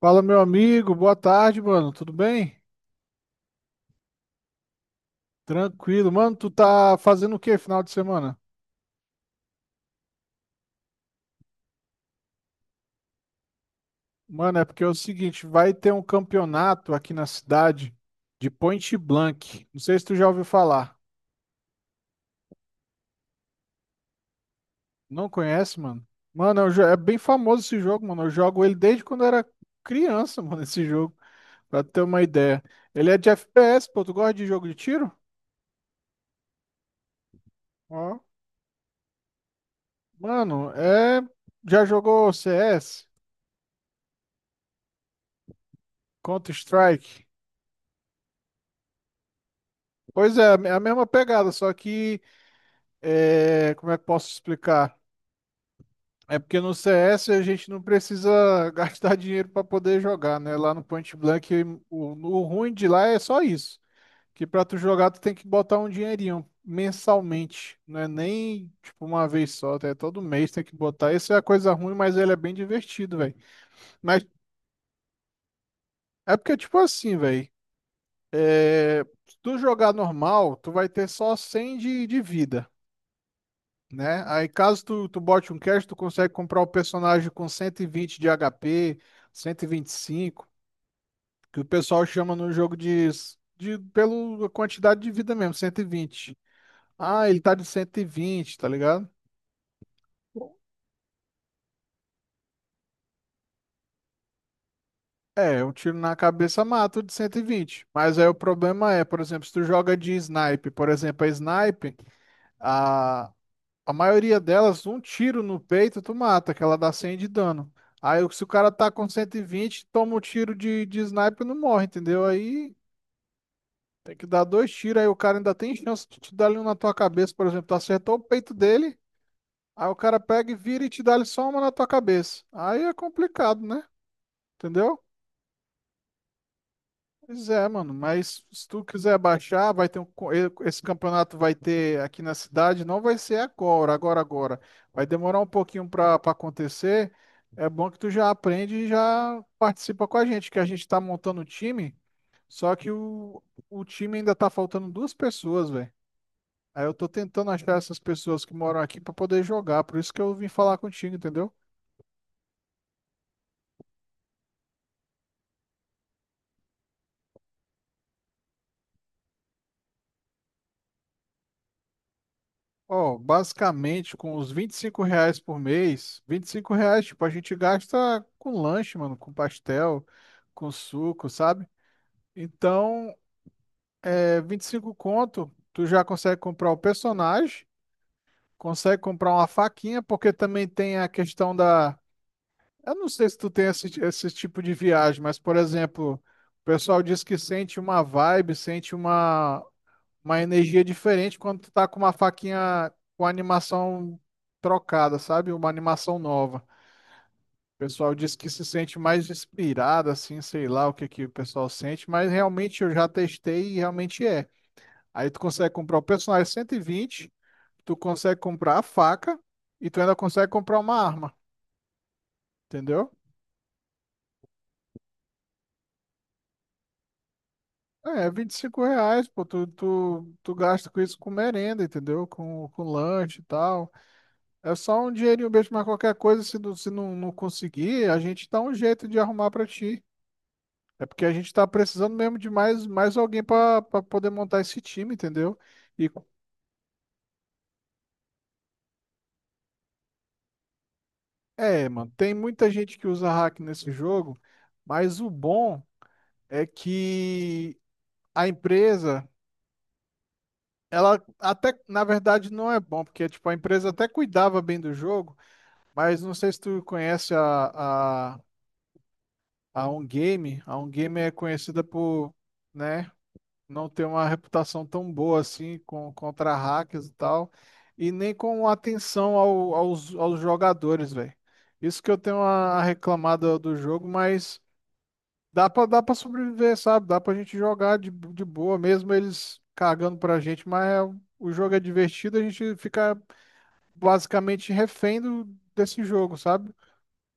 Fala, meu amigo, boa tarde, mano. Tudo bem? Tranquilo. Mano, tu tá fazendo o que final de semana? Mano, é porque é o seguinte, vai ter um campeonato aqui na cidade de Point Blank. Não sei se tu já ouviu falar. Não conhece, mano? Mano, é bem famoso esse jogo, mano. Eu jogo ele desde quando eu era criança, mano, esse jogo, pra ter uma ideia. Ele é de FPS, pô. Tu gosta de jogo de tiro? Ó. Mano, é... Já jogou CS? Counter-Strike? Pois é, é a mesma pegada, só que é, como é que eu posso explicar? É porque no CS a gente não precisa gastar dinheiro para poder jogar, né? Lá no Point Blank, o ruim de lá é só isso, que para tu jogar tu tem que botar um dinheirinho mensalmente, não é nem tipo uma vez só, tá? É todo mês tem que botar. Isso é a coisa ruim, mas ele é bem divertido, velho. Mas é porque tipo assim, velho, é, se tu jogar normal, tu vai ter só 100 de vida, né? Aí caso tu bote um cash, tu consegue comprar o personagem com 120 de HP, cinco que o pessoal chama no jogo de, pela quantidade de vida mesmo, 120. Ah, ele tá de 120, tá ligado? É, um tiro na cabeça mata o de 120. Mas aí o problema é, por exemplo, se tu joga de snipe, por exemplo, a snipe, a A maioria delas, um tiro no peito, tu mata, que ela dá 100 de dano. Aí, se o cara tá com 120 toma um tiro de sniper e não morre, entendeu? Aí tem que dar dois tiros, aí o cara ainda tem chance de te dar ali um na tua cabeça, por exemplo. Tu acertou o peito dele, aí o cara pega e vira e te dá ali só uma na tua cabeça. Aí é complicado, né? Entendeu? Pois é, mano, mas se tu quiser baixar, vai ter um, esse campeonato vai ter aqui na cidade, não vai ser agora, agora, agora. Vai demorar um pouquinho para acontecer. É bom que tu já aprende e já participa com a gente, que a gente tá montando o time, só que o time ainda tá faltando duas pessoas, velho. Aí eu tô tentando achar essas pessoas que moram aqui para poder jogar, por isso que eu vim falar contigo, entendeu? Ó, basicamente, com os R$ 25 por mês, R$ 25, tipo, a gente gasta com lanche, mano, com pastel, com suco, sabe? Então, é 25 conto, tu já consegue comprar o personagem, consegue comprar uma faquinha, porque também tem a questão da... Eu não sei se tu tem esse tipo de viagem, mas, por exemplo, o pessoal diz que sente uma vibe, sente uma energia diferente quando tu tá com uma faquinha com animação trocada, sabe? Uma animação nova. O pessoal diz que se sente mais inspirado, assim, sei lá o que que o pessoal sente, mas realmente eu já testei e realmente é. Aí tu consegue comprar o personagem 120, tu consegue comprar a faca e tu ainda consegue comprar uma arma, entendeu? É, R$ 25, pô, tu gasta com isso com merenda, entendeu? Com lanche e tal. É só um dinheirinho mesmo, mas qualquer coisa, se não, não conseguir, a gente dá um jeito de arrumar pra ti. É porque a gente tá precisando mesmo de mais alguém pra poder montar esse time, entendeu? E é, mano, tem muita gente que usa hack nesse jogo, mas o bom é que a empresa, ela até, na verdade, não é bom, porque tipo, a empresa até cuidava bem do jogo, mas não sei se tu conhece a On Game. A On Game é conhecida por, né? Não tem uma reputação tão boa assim com, contra hackers e tal, e nem com atenção aos jogadores, velho. Isso que eu tenho a reclamada do jogo, mas dá pra sobreviver, sabe? Dá pra gente jogar de boa, mesmo eles cagando pra gente, o jogo é divertido, a gente fica basicamente refém desse jogo, sabe?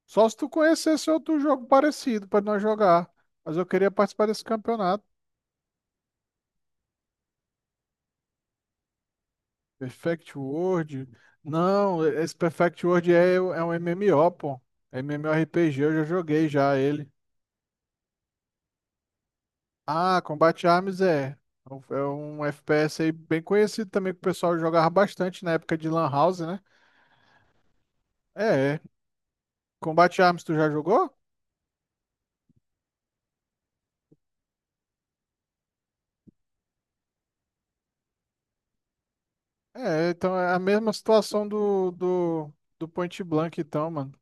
Só se tu conhecesse outro jogo parecido pra nós jogar. Mas eu queria participar desse campeonato. Perfect World? Não, esse Perfect World é, é um MMO, pô. É MMORPG, eu já joguei já ele. Ah, Combat Arms é. É um FPS aí bem conhecido também que o pessoal jogava bastante na época de Lan House, né? É, é. Combat Arms tu já jogou? É, então é a mesma situação do Point Blank, então, mano.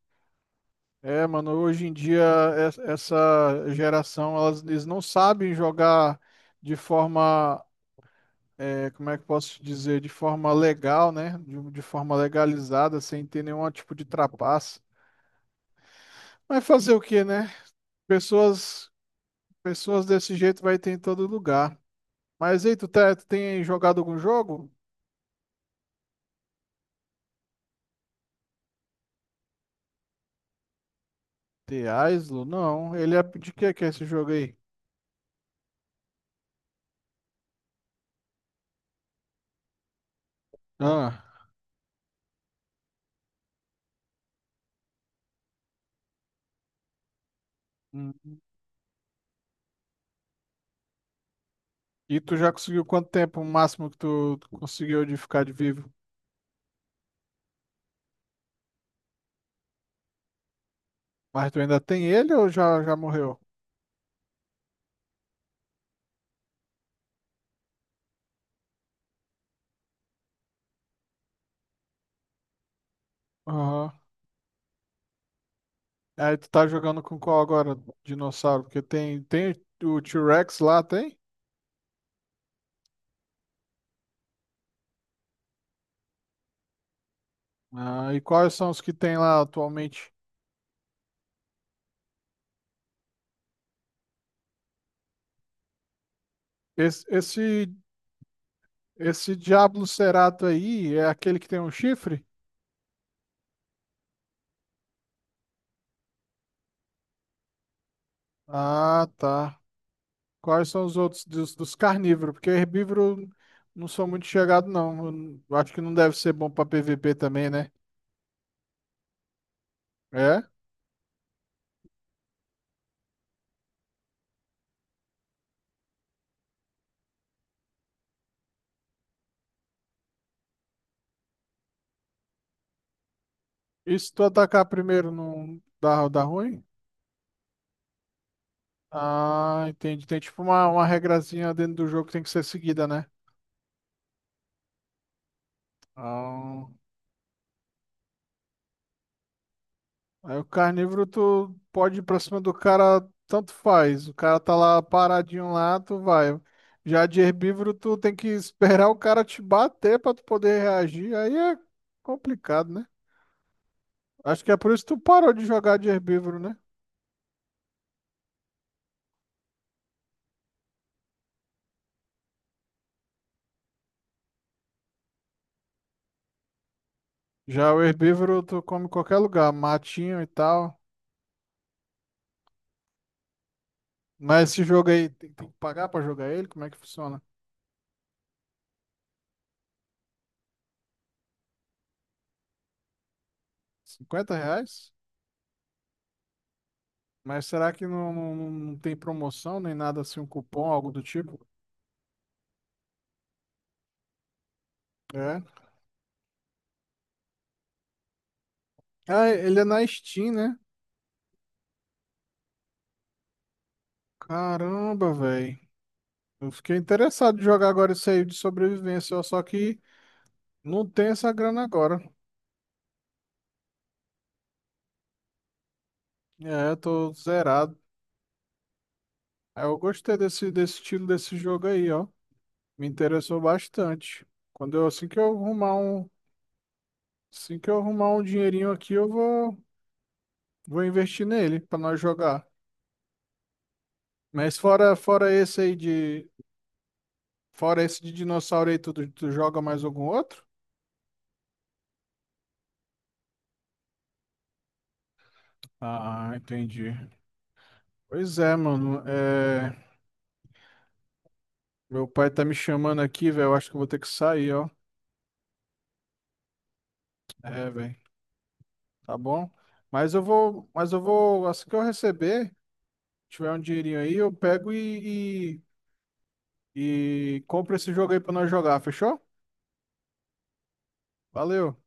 É, mano, hoje em dia essa geração, elas, eles não sabem jogar de forma é, como é que eu posso te dizer, de forma legal, né? De forma legalizada, sem ter nenhum tipo de trapaça. Mas fazer o quê, né? Pessoas, pessoas desse jeito vai ter em todo lugar. Mas aí, tu tem jogado algum jogo? The Aislo? Não. Ele é de que é esse jogo aí? Ah. Hum. E tu já conseguiu quanto tempo o máximo que tu conseguiu de ficar de vivo? Mas tu ainda tem ele ou já morreu? Aham. Aí tu tá jogando com qual agora? Dinossauro? Porque tem o T-Rex lá, tem? Ah, e quais são os que tem lá atualmente? Esse, esse, esse Diablo Cerato aí é aquele que tem um chifre? Ah, tá. Quais são os outros dos carnívoros? Porque herbívoro não sou muito chegado, não. Eu acho que não deve ser bom pra PVP também, né? É? E se tu atacar primeiro, não dá, dá ruim? Ah, entendi. Tem tipo uma regrazinha dentro do jogo que tem que ser seguida, né? Ah, aí o carnívoro, tu pode ir pra cima do cara, tanto faz. O cara tá lá paradinho lá, tu vai. Já de herbívoro, tu tem que esperar o cara te bater pra tu poder reagir. Aí é complicado, né? Acho que é por isso que tu parou de jogar de herbívoro, né? Já o herbívoro, tu come em qualquer lugar, matinho e tal. Mas esse jogo aí, tem que pagar pra jogar ele? Como é que funciona? R$ 50? Mas será que não tem promoção nem nada assim, um cupom, algo do tipo? É. Ah, ele é na Steam, né? Caramba, velho. Eu fiquei interessado em jogar agora isso aí de sobrevivência, ó, só que não tem essa grana agora. É, eu tô zerado. Aí eu gostei desse estilo desse jogo aí, ó. Me interessou bastante. Assim que eu arrumar um dinheirinho aqui, eu vou investir nele pra nós jogar. Mas fora esse de dinossauro aí, tu joga mais algum outro? Ah, entendi. Pois é, mano. É... Meu pai tá me chamando aqui, velho. Eu acho que eu vou ter que sair, ó. É, velho. Tá bom? Mas eu vou, assim que eu receber, tiver um dinheirinho aí, eu pego e compro esse jogo aí pra nós jogar, fechou? Valeu.